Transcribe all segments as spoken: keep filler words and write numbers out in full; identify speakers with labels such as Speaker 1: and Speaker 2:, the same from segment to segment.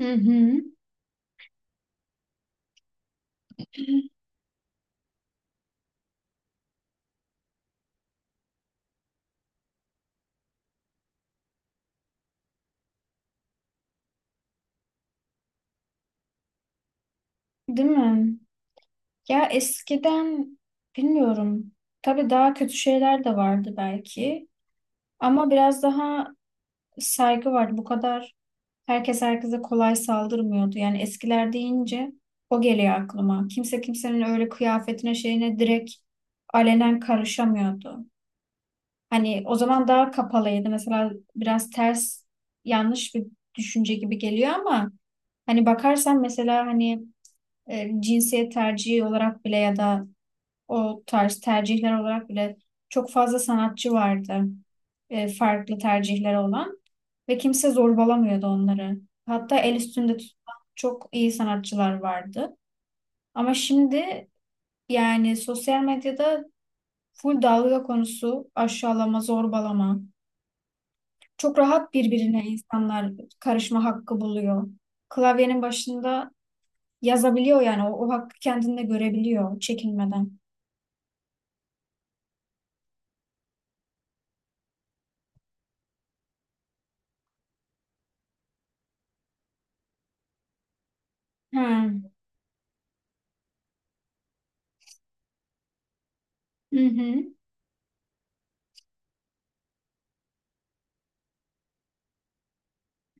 Speaker 1: Hı hı. Değil mi? Ya eskiden bilmiyorum. Tabii daha kötü şeyler de vardı belki. Ama biraz daha saygı vardı. Bu kadar herkes herkese kolay saldırmıyordu. Yani eskiler deyince o geliyor aklıma. Kimse kimsenin öyle kıyafetine şeyine direkt alenen karışamıyordu. Hani o zaman daha kapalıydı. Mesela biraz ters yanlış bir düşünce gibi geliyor ama hani bakarsan mesela hani e, cinsiyet tercihi olarak bile ya da o tarz tercihler olarak bile çok fazla sanatçı vardı e, farklı tercihleri olan ve kimse zorbalamıyordu onları. Hatta el üstünde tutulan çok iyi sanatçılar vardı. Ama şimdi yani sosyal medyada full dalga konusu, aşağılama, zorbalama. Çok rahat birbirine insanlar karışma hakkı buluyor. Klavyenin başında yazabiliyor yani o, o hakkı kendinde görebiliyor çekinmeden. Ha. Hı hı.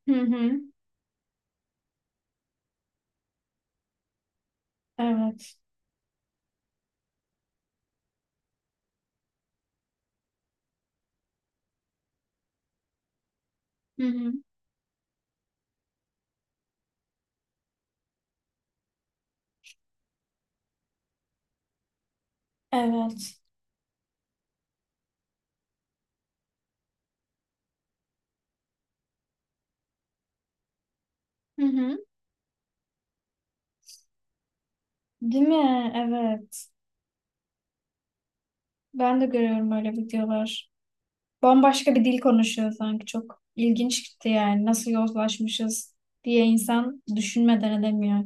Speaker 1: Hı hı. Evet. Hı hı. Evet. Hı hı. Değil mi? Evet. Ben de görüyorum öyle videolar. Bambaşka bir dil konuşuyor sanki. Çok ilginç gitti yani. Nasıl yozlaşmışız diye insan düşünmeden edemiyor.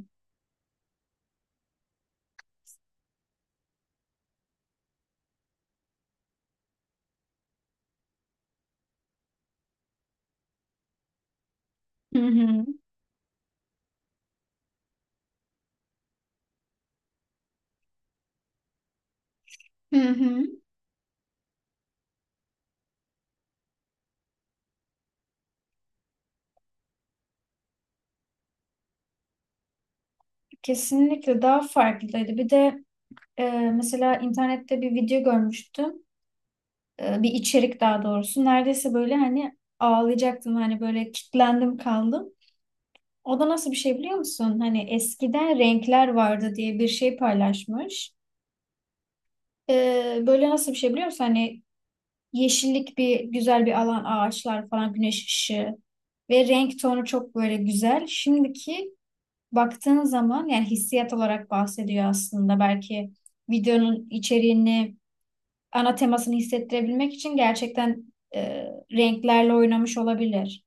Speaker 1: Hı hı. Hı hı. Kesinlikle daha farklıydı. Bir de e, mesela internette bir video görmüştüm. E, bir içerik daha doğrusu. Neredeyse böyle hani ağlayacaktım. Hani böyle kitlendim kaldım. O da nasıl bir şey biliyor musun? Hani eskiden renkler vardı diye bir şey paylaşmış. Ee, böyle nasıl bir şey biliyor musun? Hani yeşillik bir güzel bir alan, ağaçlar falan, güneş ışığı ve renk tonu çok böyle güzel. Şimdiki baktığın zaman yani hissiyat olarak bahsediyor aslında. Belki videonun içeriğini, ana temasını hissettirebilmek için gerçekten e, renklerle oynamış olabilir.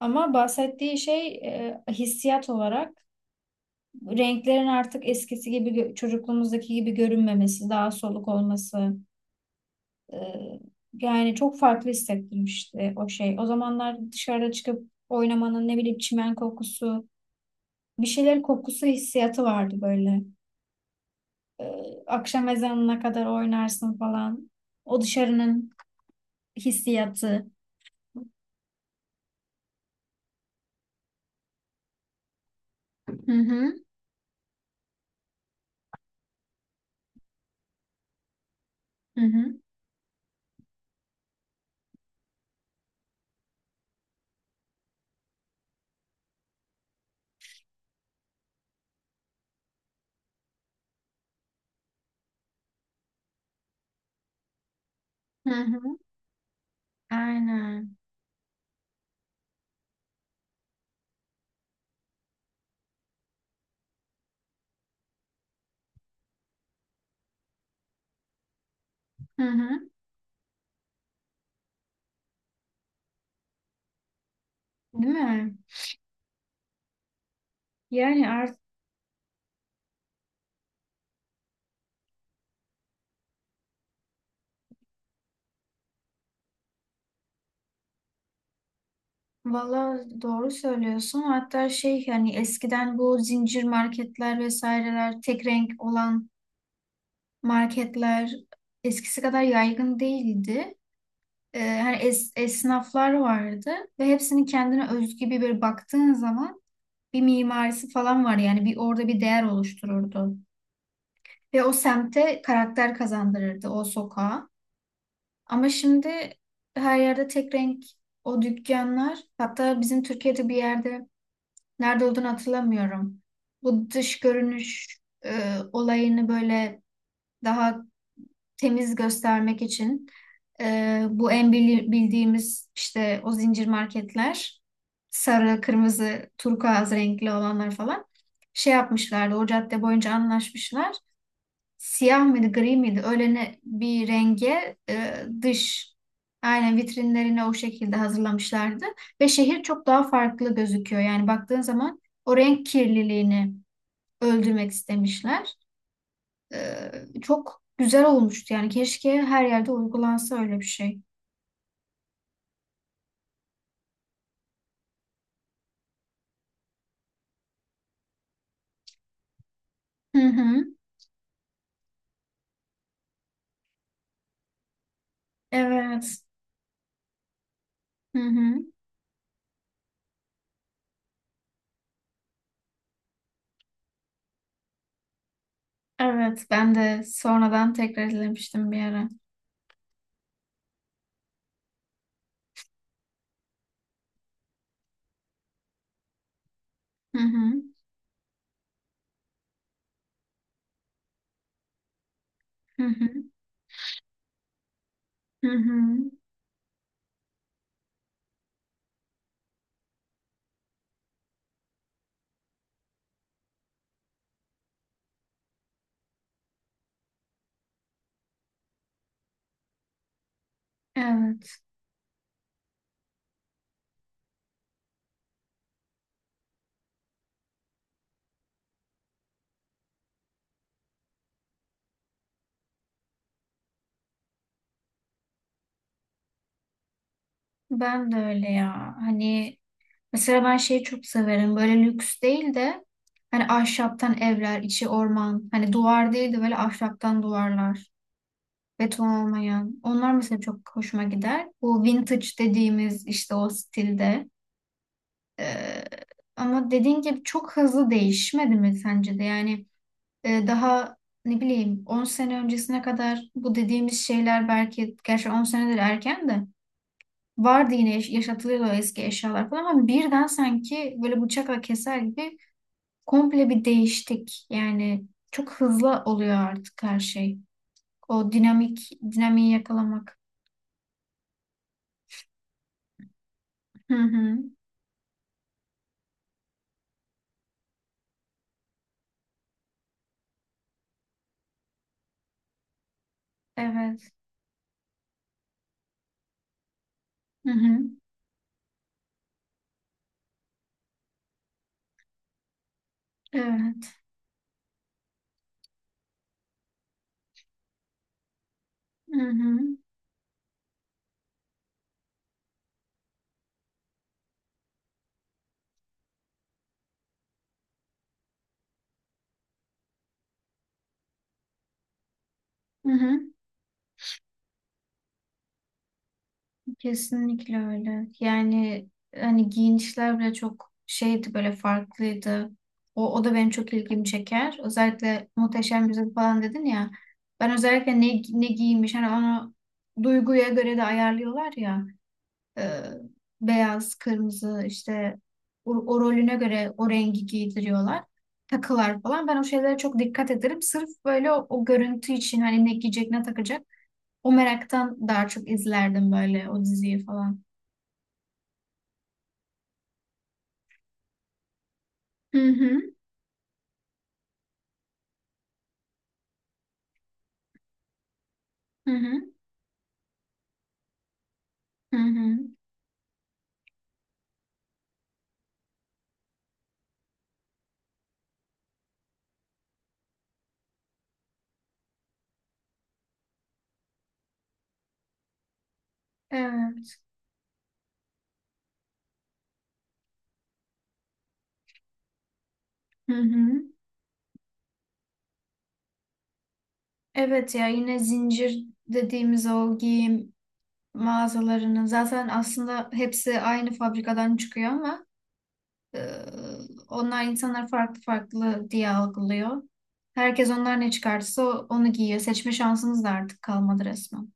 Speaker 1: Ama bahsettiği şey e, hissiyat olarak renklerin artık eskisi gibi gö- çocukluğumuzdaki gibi görünmemesi, daha soluk olması e, yani çok farklı hissettirmişti o şey. O zamanlar dışarıda çıkıp oynamanın ne bileyim çimen kokusu, bir şeyler kokusu hissiyatı vardı böyle. E, Akşam ezanına kadar oynarsın falan. O dışarının hissiyatı. Hı hı, hı hı, hı hı. Aynen. Hı hı. Değil mi? Yani artık valla doğru söylüyorsun. Hatta şey hani eskiden bu zincir marketler vesaireler tek renk olan marketler eskisi kadar yaygın değildi. Ee, hani es- esnaflar vardı ve hepsinin kendine özgü bir, bir baktığın zaman bir mimarisi falan var yani bir orada bir değer oluştururdu. Ve o semte karakter kazandırırdı o sokağa. Ama şimdi her yerde tek renk o dükkanlar, hatta bizim Türkiye'de bir yerde nerede olduğunu hatırlamıyorum. Bu dış görünüş e, olayını böyle daha temiz göstermek için e, bu en bili- bildiğimiz işte o zincir marketler, sarı, kırmızı, turkuaz renkli olanlar falan şey yapmışlardı. O cadde boyunca anlaşmışlar, siyah mıydı, gri miydi? Öyle ne, bir renge e, dış aynen vitrinlerine o şekilde hazırlamışlardı. Ve şehir çok daha farklı gözüküyor. Yani baktığın zaman o renk kirliliğini öldürmek istemişler. E, çok güzel olmuştu. Yani keşke her yerde uygulansa öyle bir şey. Hı hı. Evet. Hı hı. Evet. Ben de sonradan tekrar izlemiştim bir ara. Hı hı. Hı hı. Hı hı. Evet. Ben de öyle ya. Hani mesela ben şeyi çok severim. Böyle lüks değil de hani ahşaptan evler, içi orman. Hani duvar değil de böyle ahşaptan duvarlar. Beton olmayan. Onlar mesela çok hoşuma gider. Bu vintage dediğimiz işte o stilde. Ee, Ama dediğin gibi çok hızlı değişmedi mi sence de? Yani e, daha ne bileyim on sene öncesine kadar bu dediğimiz şeyler, belki gerçi on senedir erken de vardı, yine yaş- yaşatılıyordu o eski eşyalar falan, ama birden sanki böyle bıçakla keser gibi komple bir değiştik. Yani çok hızlı oluyor artık her şey. O dinamik dinamiği yakalamak. Hı hı. Evet. Hı hı. Evet. Hı hı. Hı hı. Kesinlikle öyle. Yani hani giyinişler bile çok şeydi böyle farklıydı. O, o da benim çok ilgimi çeker. Özellikle Muhteşem Yüzyıl falan dedin ya. Ben özellikle ne, ne giymiş hani onu duyguya göre de ayarlıyorlar ya. e, Beyaz, kırmızı işte o, o rolüne göre o rengi giydiriyorlar. Takılar falan. Ben o şeylere çok dikkat ederim. Sırf böyle o, o görüntü için hani ne giyecek ne takacak. O meraktan daha çok izlerdim böyle o diziyi falan. Hı hı, hı hı, hı hı. Evet. Hı hı. Evet ya, yine zincir dediğimiz o giyim mağazalarının zaten aslında hepsi aynı fabrikadan çıkıyor ama Ee, onlar insanlar farklı farklı diye algılıyor. Herkes onlar ne çıkarsa onu giyiyor. Seçme şansımız da artık kalmadı resmen.